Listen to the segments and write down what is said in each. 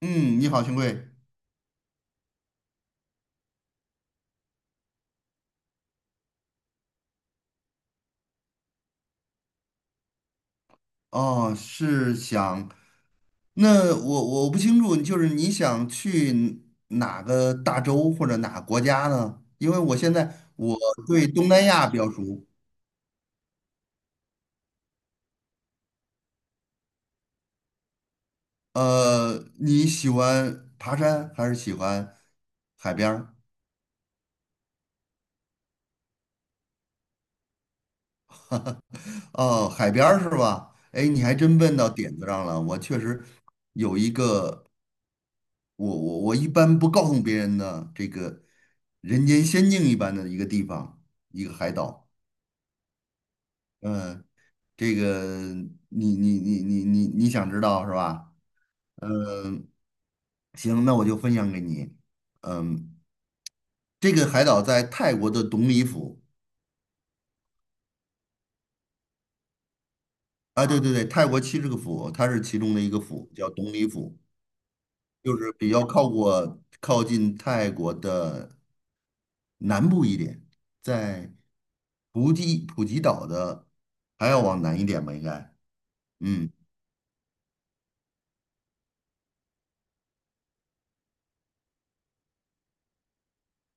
嗯，你好，兄贵。哦，那我不清楚，就是你想去哪个大洲或者哪个国家呢？因为我现在我对东南亚比较熟。呃，你喜欢爬山还是喜欢海边儿？哦，海边儿是吧？哎，你还真问到点子上了。我确实有一个，我一般不告诉别人的这个人间仙境一般的一个地方，一个海岛。嗯，这个你想知道是吧？嗯，行，那我就分享给你。嗯，这个海岛在泰国的董里府。啊，对对对，泰国70个府，它是其中的一个府，叫董里府，就是比较靠近泰国的南部一点，在普吉岛的还要往南一点吧，应该。嗯，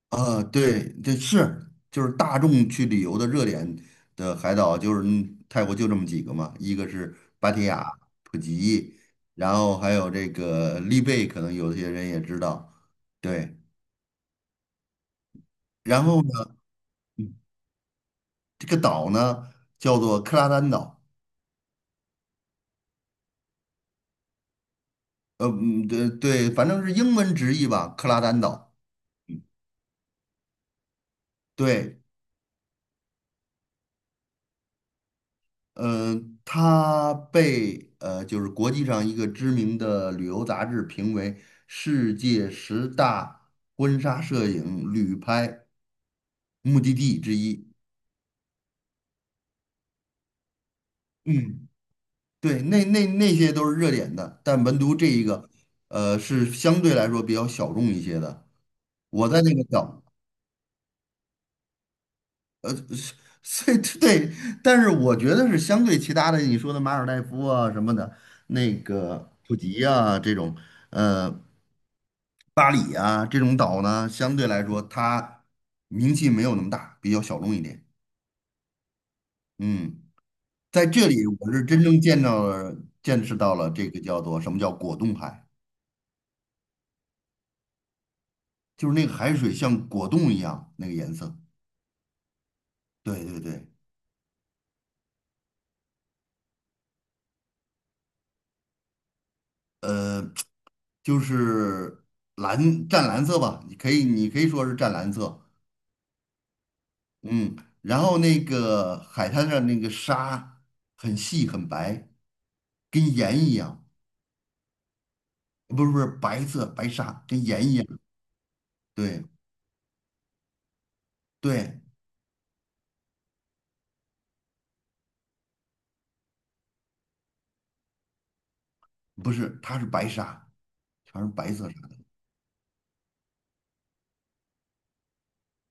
啊，对，这是就是大众去旅游的热点的海岛，就是泰国就这么几个嘛，一个是芭提雅、普吉，然后还有这个丽贝，可能有些人也知道。对，然后呢，这个岛呢叫做克拉丹岛。嗯对对，反正是英文直译吧，克拉丹岛。对，嗯，它被就是国际上一个知名的旅游杂志评为世界十大婚纱摄影旅拍目的地之一。嗯，对，那些都是热点的，但唯独这一个，是相对来说比较小众一些的。我在那个叫。是所以对，但是我觉得是相对其他的，你说的马尔代夫啊什么的，那个普吉啊这种，呃，巴黎啊这种岛呢，相对来说它名气没有那么大，比较小众一点。嗯，在这里我是真正见到了、见识到了这个叫做什么叫果冻海，就是那个海水像果冻一样那个颜色。对对对。呃，就是湛蓝色吧，你可以说是湛蓝色。嗯，然后那个海滩上那个沙很细很白，跟盐一样。不是不是白沙，跟盐一样。对对，不是，它是白沙，全是白色沙的。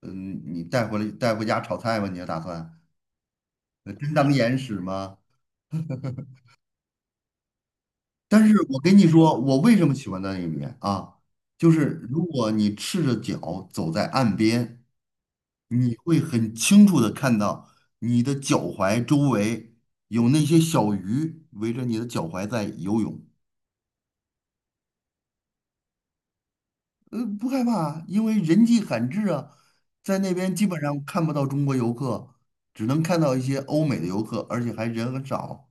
嗯，你带回家炒菜吧，你要打算，真当盐使吗？但是我跟你说，我为什么喜欢在那边啊？就是如果你赤着脚走在岸边，你会很清楚的看到你的脚踝周围有那些小鱼围着你的脚踝在游泳。不害怕，因为人迹罕至啊，在那边基本上看不到中国游客，只能看到一些欧美的游客，而且还人很少，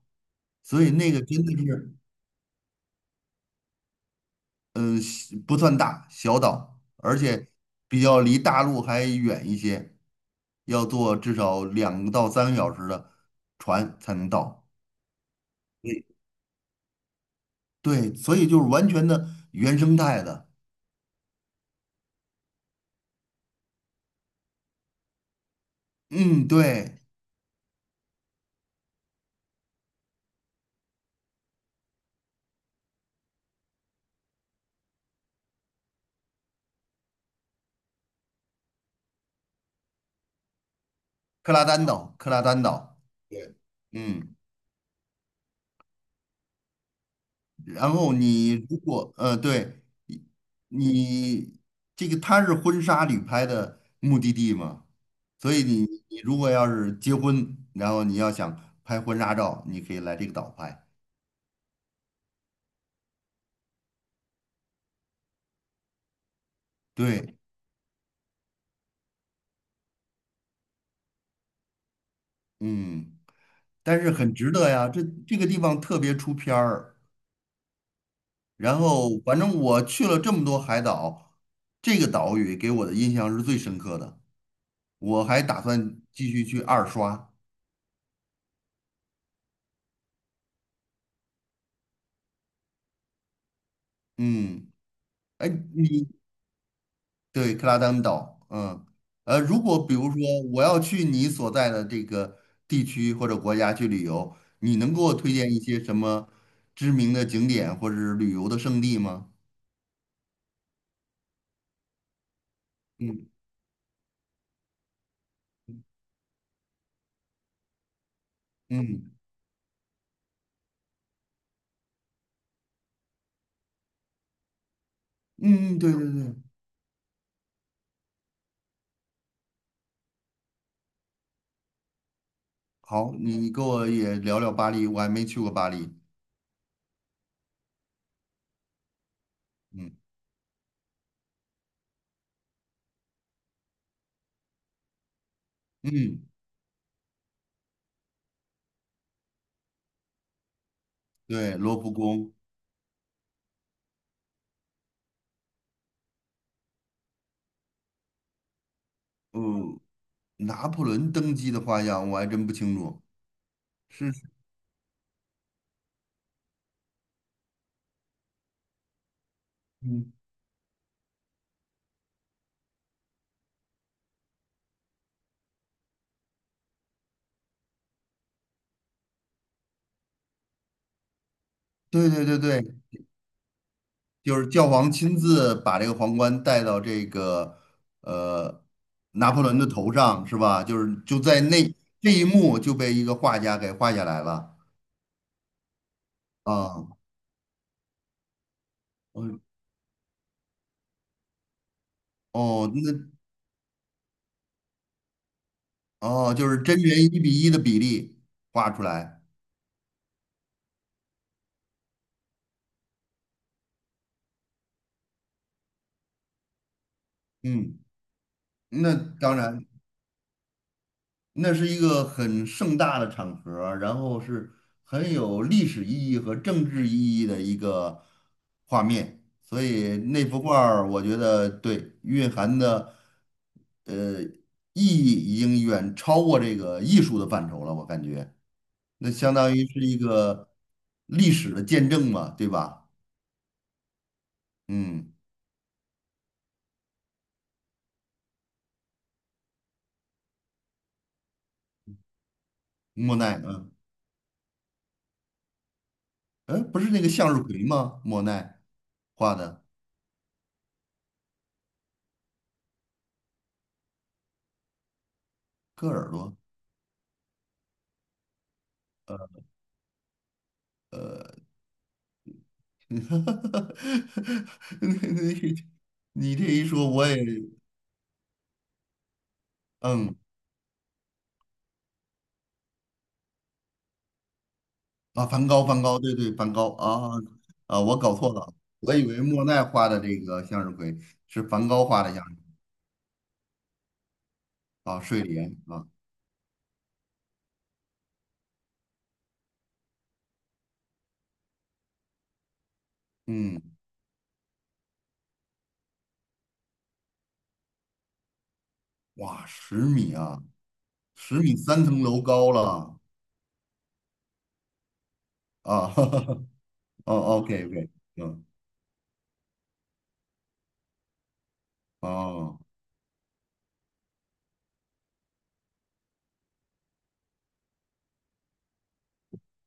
所以那个真的是。嗯，是不算大，小岛，而且比较离大陆还远一些，要坐至少2到3个小时的船才能到。对，对，所以就是完全的原生态的。嗯，对，克拉丹岛，克拉丹岛。对，嗯。然后你如果对，你你这个它是婚纱旅拍的目的地嘛，所以你如果要是结婚，然后你要想拍婚纱照，你可以来这个岛拍。对，嗯，但是很值得呀，这个地方特别出片儿。然后反正我去了这么多海岛，这个岛屿给我的印象是最深刻的。我还打算继续去二刷。嗯，哎，你对，克拉丹岛，如果比如说我要去你所在的这个地区或者国家去旅游，你能给我推荐一些什么知名的景点或者是旅游的胜地吗？嗯嗯嗯，对对对，好，你给我也聊聊巴黎，我还没去过巴黎。嗯嗯，对，罗浮宫，嗯，拿破仑登基的画像我还真不清楚，是，嗯，对对对对，就是教皇亲自把这个皇冠戴到这个呃拿破仑的头上，是吧？就是就在那这一幕就被一个画家给画下来了。啊，嗯哦，那哦就是真人1:1的比例画出来。嗯，那当然那是一个很盛大的场合，然后是很有历史意义和政治意义的一个画面，所以那幅画儿我觉得对蕴含的意义已经远超过这个艺术的范畴了，我感觉那相当于是一个历史的见证嘛，对吧？嗯，莫奈，嗯，哎，不是那个向日葵吗？莫奈画的割耳朵。你你你这一说，我也嗯梵高，梵高，对对，梵高啊啊，我搞错了，我以为莫奈画的这个向日葵是梵高画的向日葵啊，睡莲啊，嗯，哇，十米啊，十米3层楼高了。啊，哦，OK OK，嗯，哦，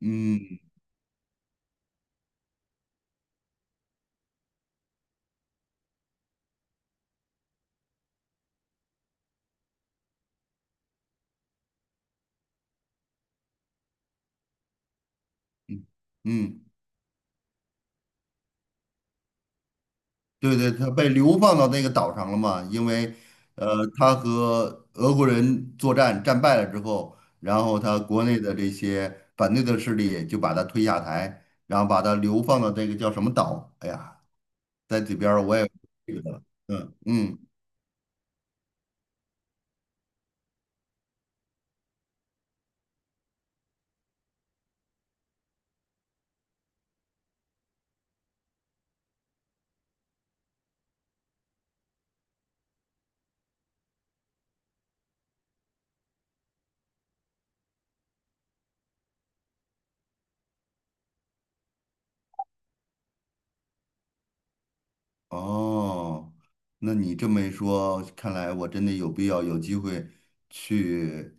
嗯嗯。嗯对对，他被流放到那个岛上了嘛，因为，他和俄国人作战战败了之后，然后他国内的这些反对的势力就把他推下台，然后把他流放到这个叫什么岛？哎呀，在这边儿我也记不得了，嗯嗯，哦，那你这么一说，看来我真的有必要有机会去。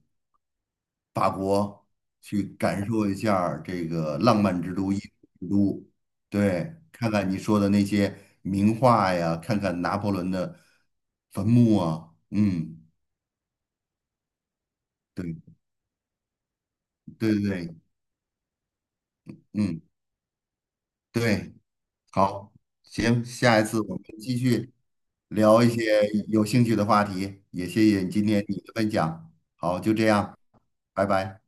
法国去感受一下儿这个浪漫之都、艺术之都，对，看看你说的那些名画呀，看看拿破仑的坟墓啊，嗯，对对对对，嗯，对，好，行，下一次我们继续聊一些有兴趣的话题，也谢谢你今天你的分享，好，就这样，拜拜。